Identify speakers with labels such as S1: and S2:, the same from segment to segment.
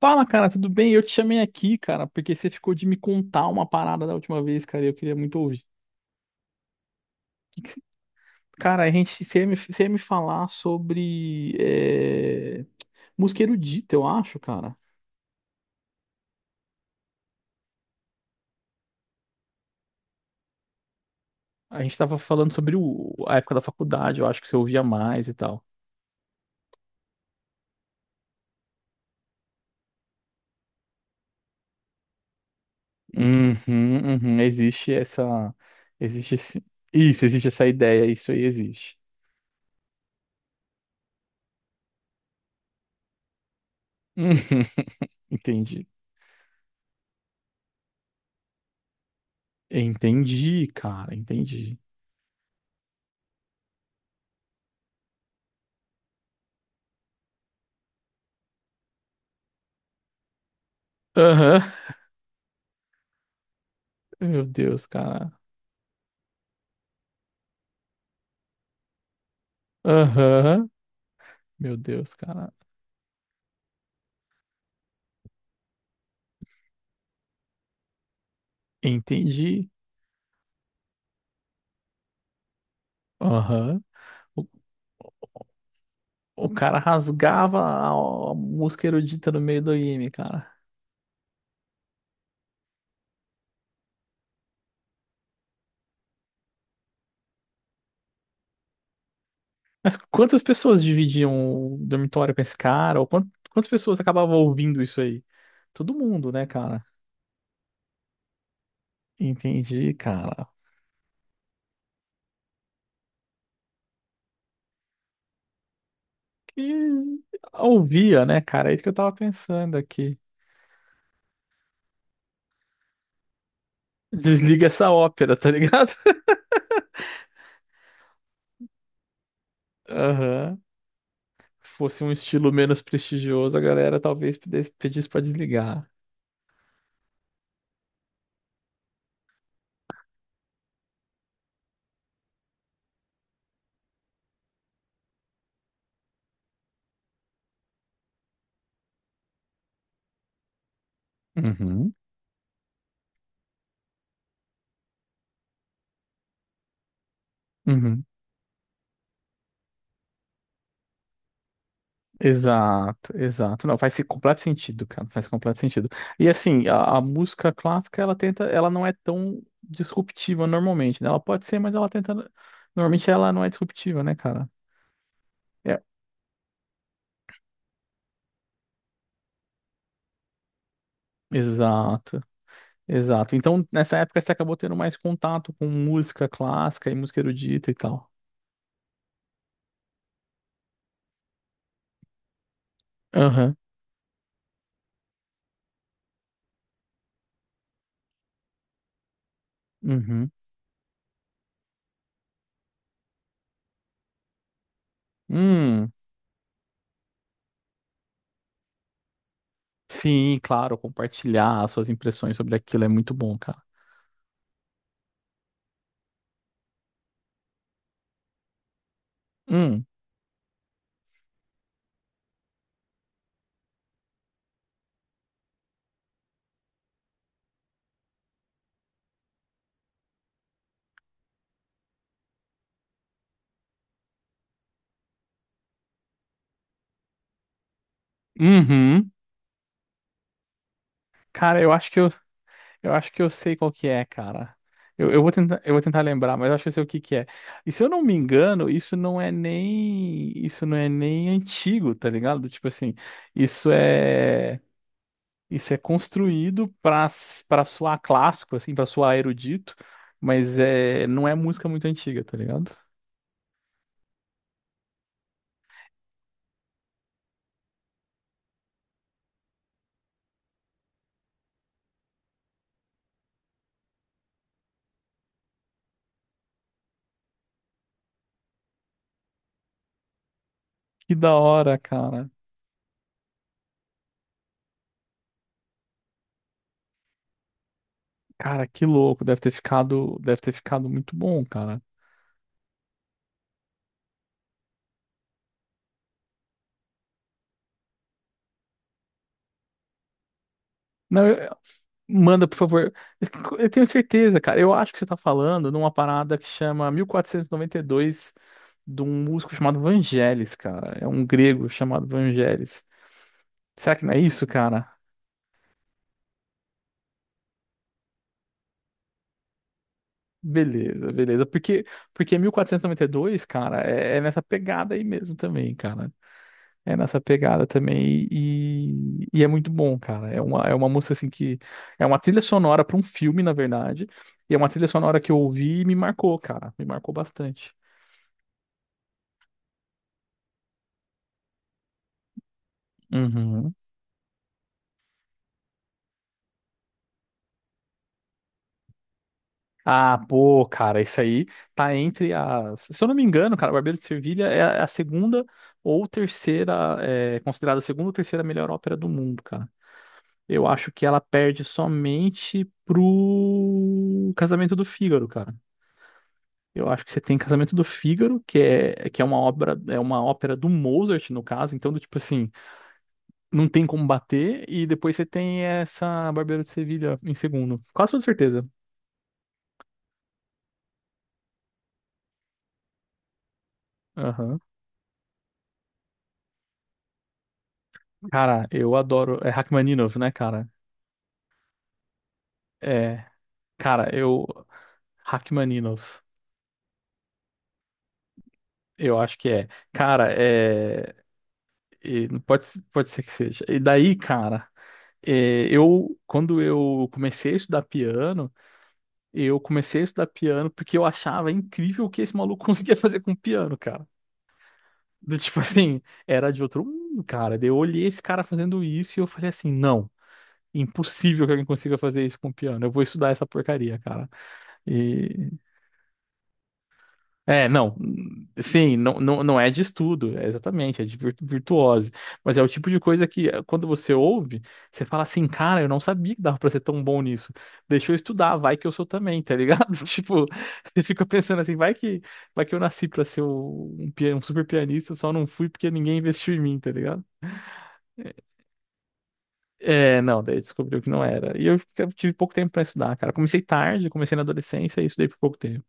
S1: Fala, cara, tudo bem? Eu te chamei aqui, cara, porque você ficou de me contar uma parada da última vez, cara, e eu queria muito ouvir. Que que você- Cara, você ia me falar sobre música erudita, eu acho, cara. A gente tava falando sobre a época da faculdade, eu acho que você ouvia mais e tal. Uhum, uhum, existe esse, isso, existe essa ideia, isso aí existe. Uhum, entendi. Entendi, cara, entendi. Aham. Meu Deus, cara. Aham. Meu Deus, cara. Entendi. Aham. O, o cara rasgava a música erudita no meio do anime, cara. Mas quantas pessoas dividiam o dormitório com esse cara? Ou quantas pessoas acabavam ouvindo isso aí? Todo mundo, né, cara? Entendi, cara. Que Ouvia, né, cara? É isso que eu tava pensando aqui. Desliga essa ópera, tá ligado? Aham. Fosse um estilo menos prestigioso, a galera talvez pedisse pra desligar. Uhum. Uhum. Exato, exato. Não, faz completo sentido, cara. Faz completo sentido. E assim, a música clássica, ela tenta, ela não é tão disruptiva normalmente, né? Ela pode ser, mas ela tenta. Normalmente ela não é disruptiva, né, cara? É. Exato, exato. Então, nessa época você acabou tendo mais contato com música clássica e música erudita e tal. Aham. Uhum. Hum. Sim, claro, compartilhar as suas impressões sobre aquilo é muito bom, cara. Hum. Uhum. Cara, eu acho que eu acho que eu sei qual que é, cara. Eu vou tentar lembrar, mas eu acho que eu sei o que que é. E se eu não me engano, isso não é nem antigo, tá ligado? Tipo assim, isso é, isso é construído pra, pra soar clássico, assim, pra soar erudito, mas não é música muito antiga, tá ligado? Que da hora, cara. Cara, que louco, deve ter ficado muito bom, cara. Não, eu- Manda, por favor. Eu tenho certeza, cara. Eu acho que você tá falando numa parada que chama 1492 de um músico chamado Vangelis, cara. É um grego chamado Vangelis. Será que não é isso, cara? Beleza, beleza. Porque 1492, cara, é nessa pegada aí mesmo também, cara. É nessa pegada também e é muito bom, cara. É uma música assim que. É uma trilha sonora para um filme, na verdade. E é uma trilha sonora que eu ouvi e me marcou, cara. Me marcou bastante. Uhum. Ah, pô, cara, isso aí tá entre as. Se eu não me engano, cara, o Barbeiro de Sevilha é a segunda ou terceira, é considerada a segunda ou terceira melhor ópera do mundo, cara. Eu acho que ela perde somente pro Casamento do Fígaro, cara. Eu acho que você tem Casamento do Fígaro, que é uma obra, é uma ópera do Mozart, no caso, então, do tipo assim, não tem como bater, e depois você tem essa Barbeiro de Sevilha em segundo. Quase toda certeza. Aham. Cara, eu adoro. É Rachmaninov, né, cara? É. Cara, eu. Rachmaninov. Eu acho que é. Cara, é. E pode, se- Pode ser que seja. E daí, cara, é, eu. Quando eu comecei a estudar piano, eu comecei a estudar piano porque eu achava incrível o que esse maluco conseguia fazer com o piano, cara. Do tipo assim, era de outro mundo, cara. Daí eu olhei esse cara fazendo isso e eu falei assim: não, impossível que alguém consiga fazer isso com o piano. Eu vou estudar essa porcaria, cara. E É, não é de estudo, é exatamente, é de virtuose, mas é o tipo de coisa que quando você ouve, você fala assim, cara, eu não sabia que dava pra ser tão bom nisso, deixa eu estudar, vai que eu sou também, tá ligado? Tipo, você fica pensando assim, vai que eu nasci pra ser um, um super pianista, só não fui porque ninguém investiu em mim, tá ligado? É, não, daí descobriu que não era, e eu tive pouco tempo pra estudar, cara, comecei tarde, comecei na adolescência e estudei por pouco tempo.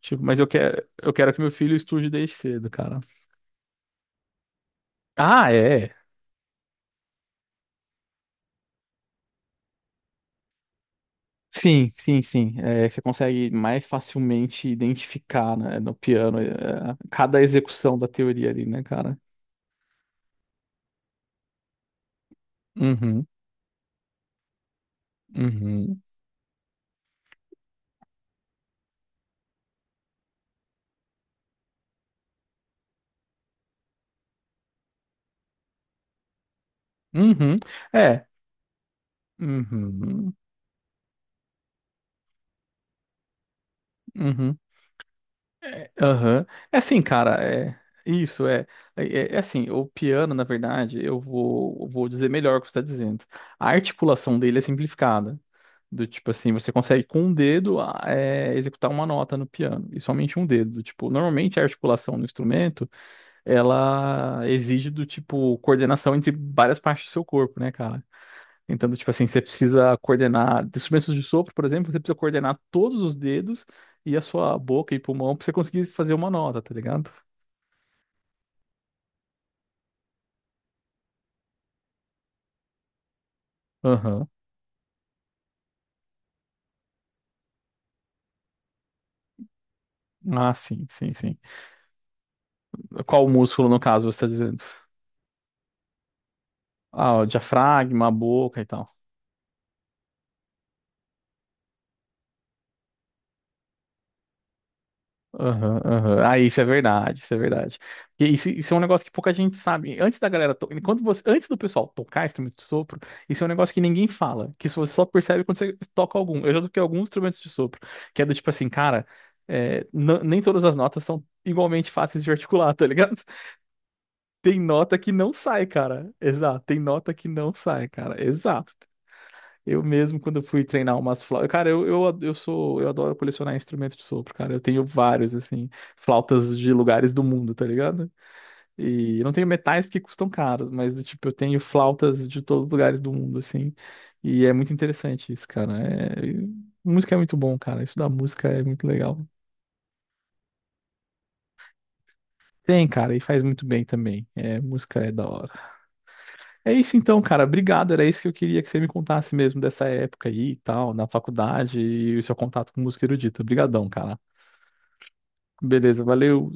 S1: Tipo, eu quero que meu filho estude desde cedo, cara. Ah, é. Sim, sim, sim. É, você consegue mais facilmente identificar, né, no piano, é, cada execução da teoria ali, né, cara? Uhum, uhum, uhum. É. Uhum, uhum. Aham. É assim, cara, isso, é, é assim, o piano, na verdade, vou dizer melhor o que você está dizendo. A articulação dele é simplificada. Do tipo assim, você consegue com um dedo executar uma nota no piano, e somente um dedo. Do tipo, normalmente a articulação no instrumento, ela exige do tipo coordenação entre várias partes do seu corpo, né, cara? Então, tipo assim, você precisa coordenar, de instrumentos de sopro, por exemplo, você precisa coordenar todos os dedos e a sua boca e pulmão pra você conseguir fazer uma nota, tá ligado? Aham. Ah, sim, sim, sim. Qual músculo, no caso, você tá dizendo? Ah, o diafragma, a boca e tal. Aham, aham. Ah, isso é verdade, isso é verdade. Isso é um negócio que pouca gente sabe. Antes da galera, to... Enquanto você... antes do pessoal tocar instrumento de sopro, isso é um negócio que ninguém fala, que isso você só percebe quando você toca algum. Eu já toquei alguns instrumentos de sopro, que é do tipo assim, cara, nem todas as notas são igualmente fáceis de articular, tá ligado? Tem nota que não sai, cara. Exato, tem nota que não sai, cara. Exato. Eu mesmo, quando eu fui treinar umas flautas. Cara, eu sou. Eu adoro colecionar instrumentos de sopro, cara. Eu tenho vários, assim, flautas de lugares do mundo, tá ligado? E eu não tenho metais porque custam caros, mas, tipo, eu tenho flautas de todos os lugares do mundo, assim. E é muito interessante isso, cara. É... Música é muito bom, cara. Isso da música é muito legal. Tem, cara, e faz muito bem também. É, música é da hora. É isso então, cara. Obrigado. Era isso que eu queria que você me contasse mesmo dessa época aí e tal, na faculdade e o seu contato com música erudita. Obrigadão, cara. Beleza, valeu.